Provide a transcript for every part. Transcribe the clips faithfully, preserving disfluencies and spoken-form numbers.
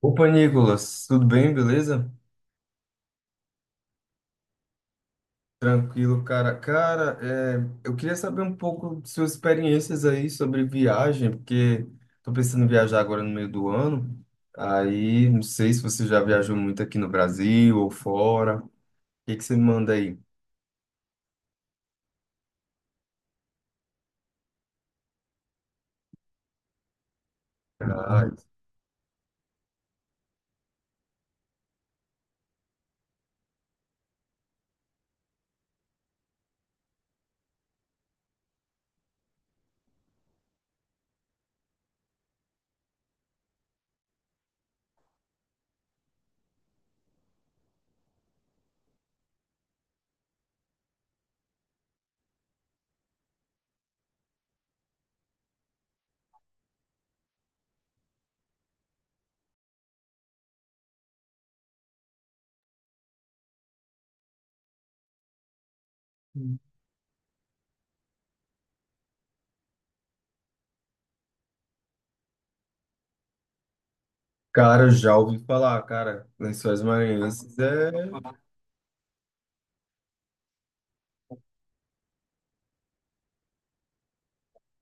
Opa, Nicolas, tudo bem, beleza? Tranquilo, cara. Cara, é, eu queria saber um pouco de suas experiências aí sobre viagem, porque tô pensando em viajar agora no meio do ano. Aí, não sei se você já viajou muito aqui no Brasil ou fora. O que que você me manda aí? Ah, cara, já ouvi falar, cara. Lençóis Maranhenses é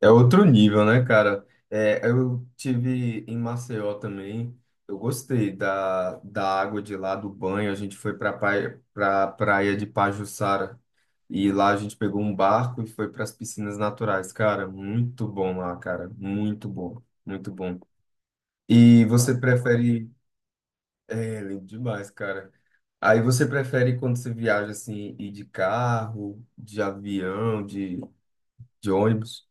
é outro nível, né, cara? É, eu tive em Maceió também. Eu gostei da, da água de lá, do banho. A gente foi para praia, pra praia de Pajuçara. E lá a gente pegou um barco e foi para as piscinas naturais. Cara, muito bom lá, cara. Muito bom, muito bom. E você prefere. É, lindo demais, cara. Aí você prefere quando você viaja assim, ir de carro, de avião, de, de ônibus?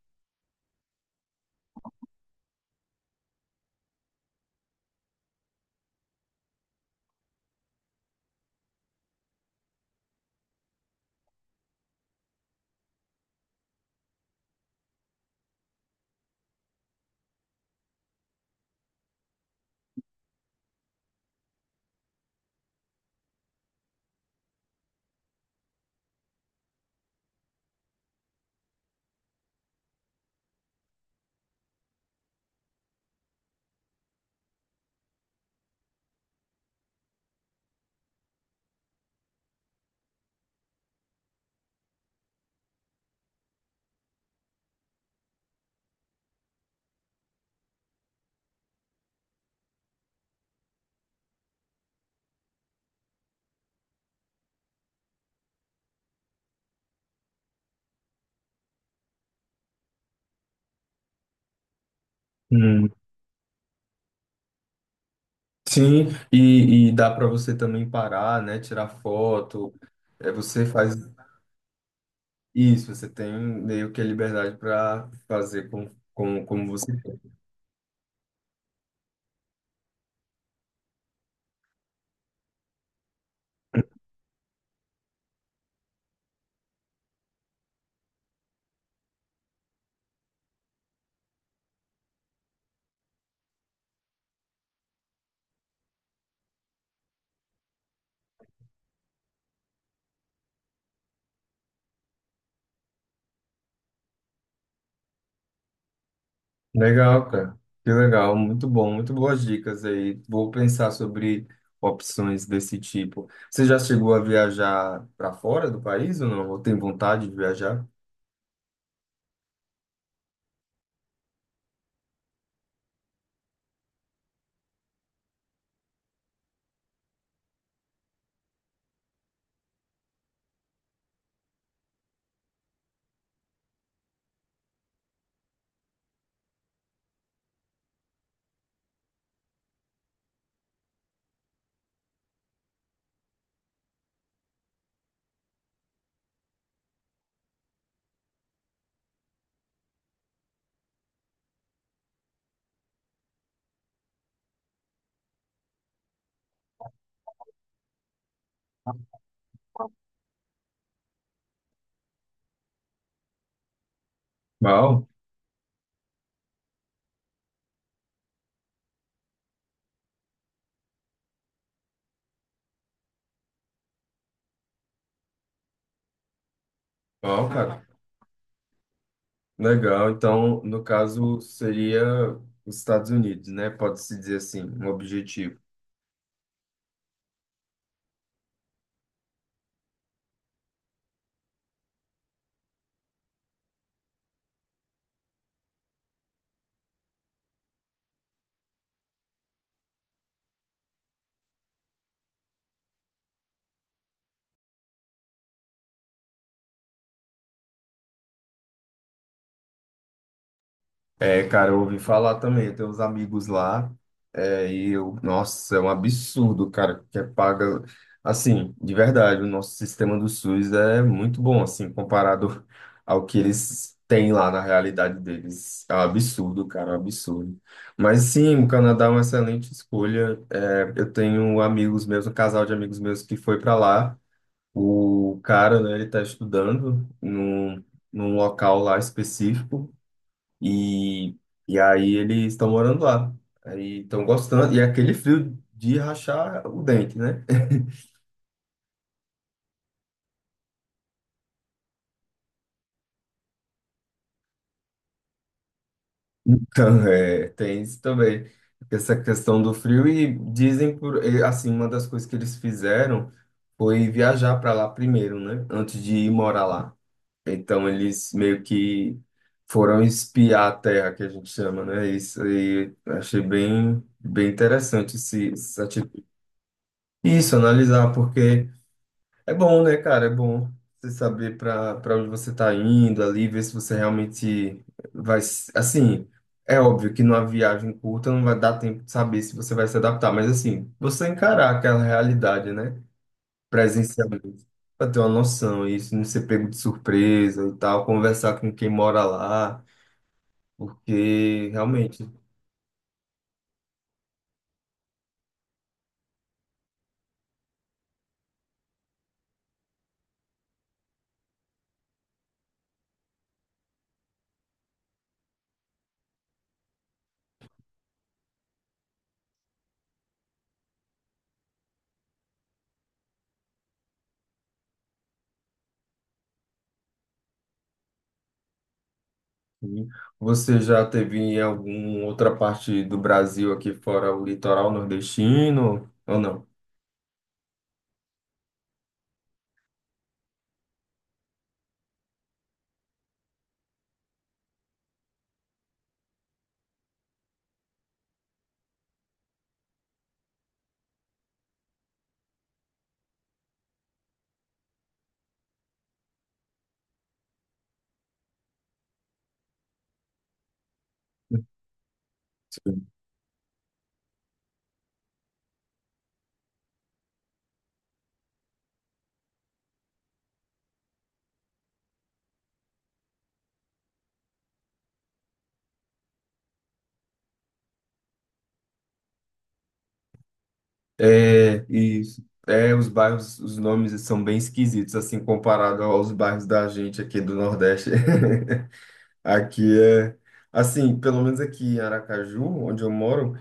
Sim, e, e dá para você também parar, né? Tirar foto. É, você faz isso, você tem meio que a liberdade para fazer com, com, como você quer. Legal, cara. Que legal, muito bom, muito boas dicas aí. Vou pensar sobre opções desse tipo. Você já chegou a viajar para fora do país ou não? Ou tem vontade de viajar? Uau, uau, cara. Legal. Então, no caso, seria os Estados Unidos, né? Pode-se dizer assim, um objetivo. É, cara, eu ouvi falar também, eu tenho uns amigos lá, é, e eu, nossa, é um absurdo, cara, que é paga, assim, de verdade, o nosso sistema do SUS é muito bom, assim, comparado ao que eles têm lá na realidade deles, é um absurdo, cara, é um absurdo, mas sim, o Canadá é uma excelente escolha, é, eu tenho amigos meus, um casal de amigos meus que foi para lá, o cara, né, ele tá estudando num, num local lá específico, e, e aí eles estão morando lá. Aí estão gostando. E é aquele frio de rachar o dente, né? Então, é, tem isso também. Essa questão do frio. E dizem, por, e, assim, uma das coisas que eles fizeram foi viajar para lá primeiro, né? Antes de ir morar lá. Então, eles meio que foram espiar a terra, que a gente chama, né? Isso aí achei bem, bem interessante esse, essa atitude. Isso, analisar, porque. É bom, né, cara? É bom você saber para para onde você está indo ali, ver se você realmente vai. s- Assim, é óbvio que numa viagem curta não vai dar tempo de saber se você vai se adaptar, mas assim, você encarar aquela realidade, né, presencialmente, para ter uma noção, e isso não ser pego de surpresa e tal, conversar com quem mora lá, porque realmente. Assim, você já teve em alguma outra parte do Brasil aqui fora o litoral nordestino ou não? É, e é, os bairros, os nomes são bem esquisitos, assim, comparado aos bairros da gente aqui do Nordeste. Aqui é, assim, pelo menos aqui em Aracaju, onde eu moro,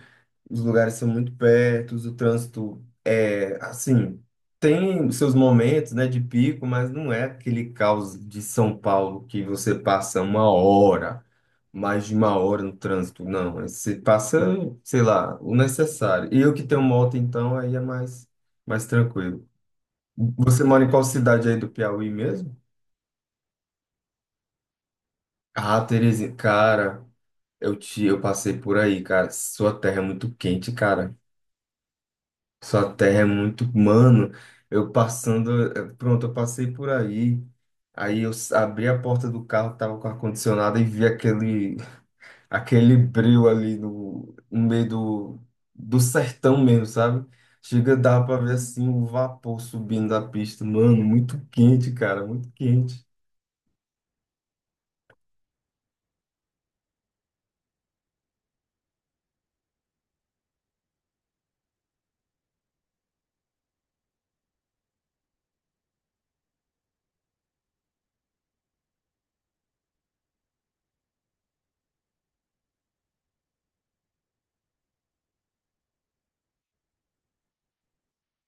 os lugares são muito perto, o trânsito é assim, tem os seus momentos, né, de pico, mas não é aquele caos de São Paulo que você passa uma hora, mais de uma hora no trânsito, não. É, você passa, sei lá, o necessário. E eu que tenho moto, então, aí é mais, mais tranquilo. Você mora em qual cidade aí do Piauí mesmo? Ah, Terezinha, cara, eu te, eu passei por aí, cara. Sua terra é muito quente, cara. Sua terra é muito. Mano, eu passando. eh, Pronto, eu passei por aí. Aí eu s- abri a porta do carro, tava com ar-condicionado e vi aquele, aquele breu ali no, no meio do, do sertão mesmo, sabe? Chega, dava pra ver assim o vapor subindo da pista. Mano, muito quente, cara, muito quente.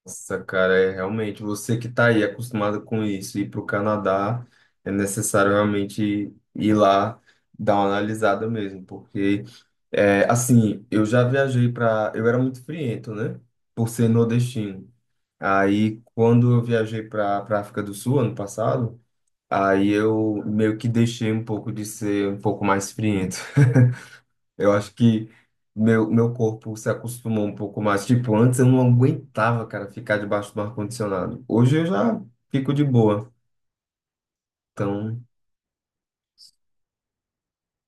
Nossa, cara, é realmente você que está aí acostumado com isso, ir para o Canadá é necessário realmente ir lá dar uma analisada mesmo, porque é, assim, eu já viajei para, eu era muito friento, né, por ser nordestino. Aí quando eu viajei para para África do Sul ano passado, aí eu meio que deixei um pouco de ser um pouco mais friento. Eu acho que meu, meu corpo se acostumou um pouco mais. Tipo, antes eu não aguentava, cara, ficar debaixo do ar-condicionado. Hoje eu já fico de boa. Então,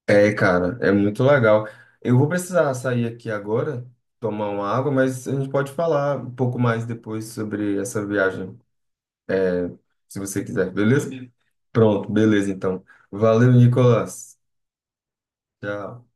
é, cara, é muito legal. Eu vou precisar sair aqui agora, tomar uma água, mas a gente pode falar um pouco mais depois sobre essa viagem, é, se você quiser, beleza? Beleza. Pronto, beleza, então. Valeu, Nicolas. Tchau.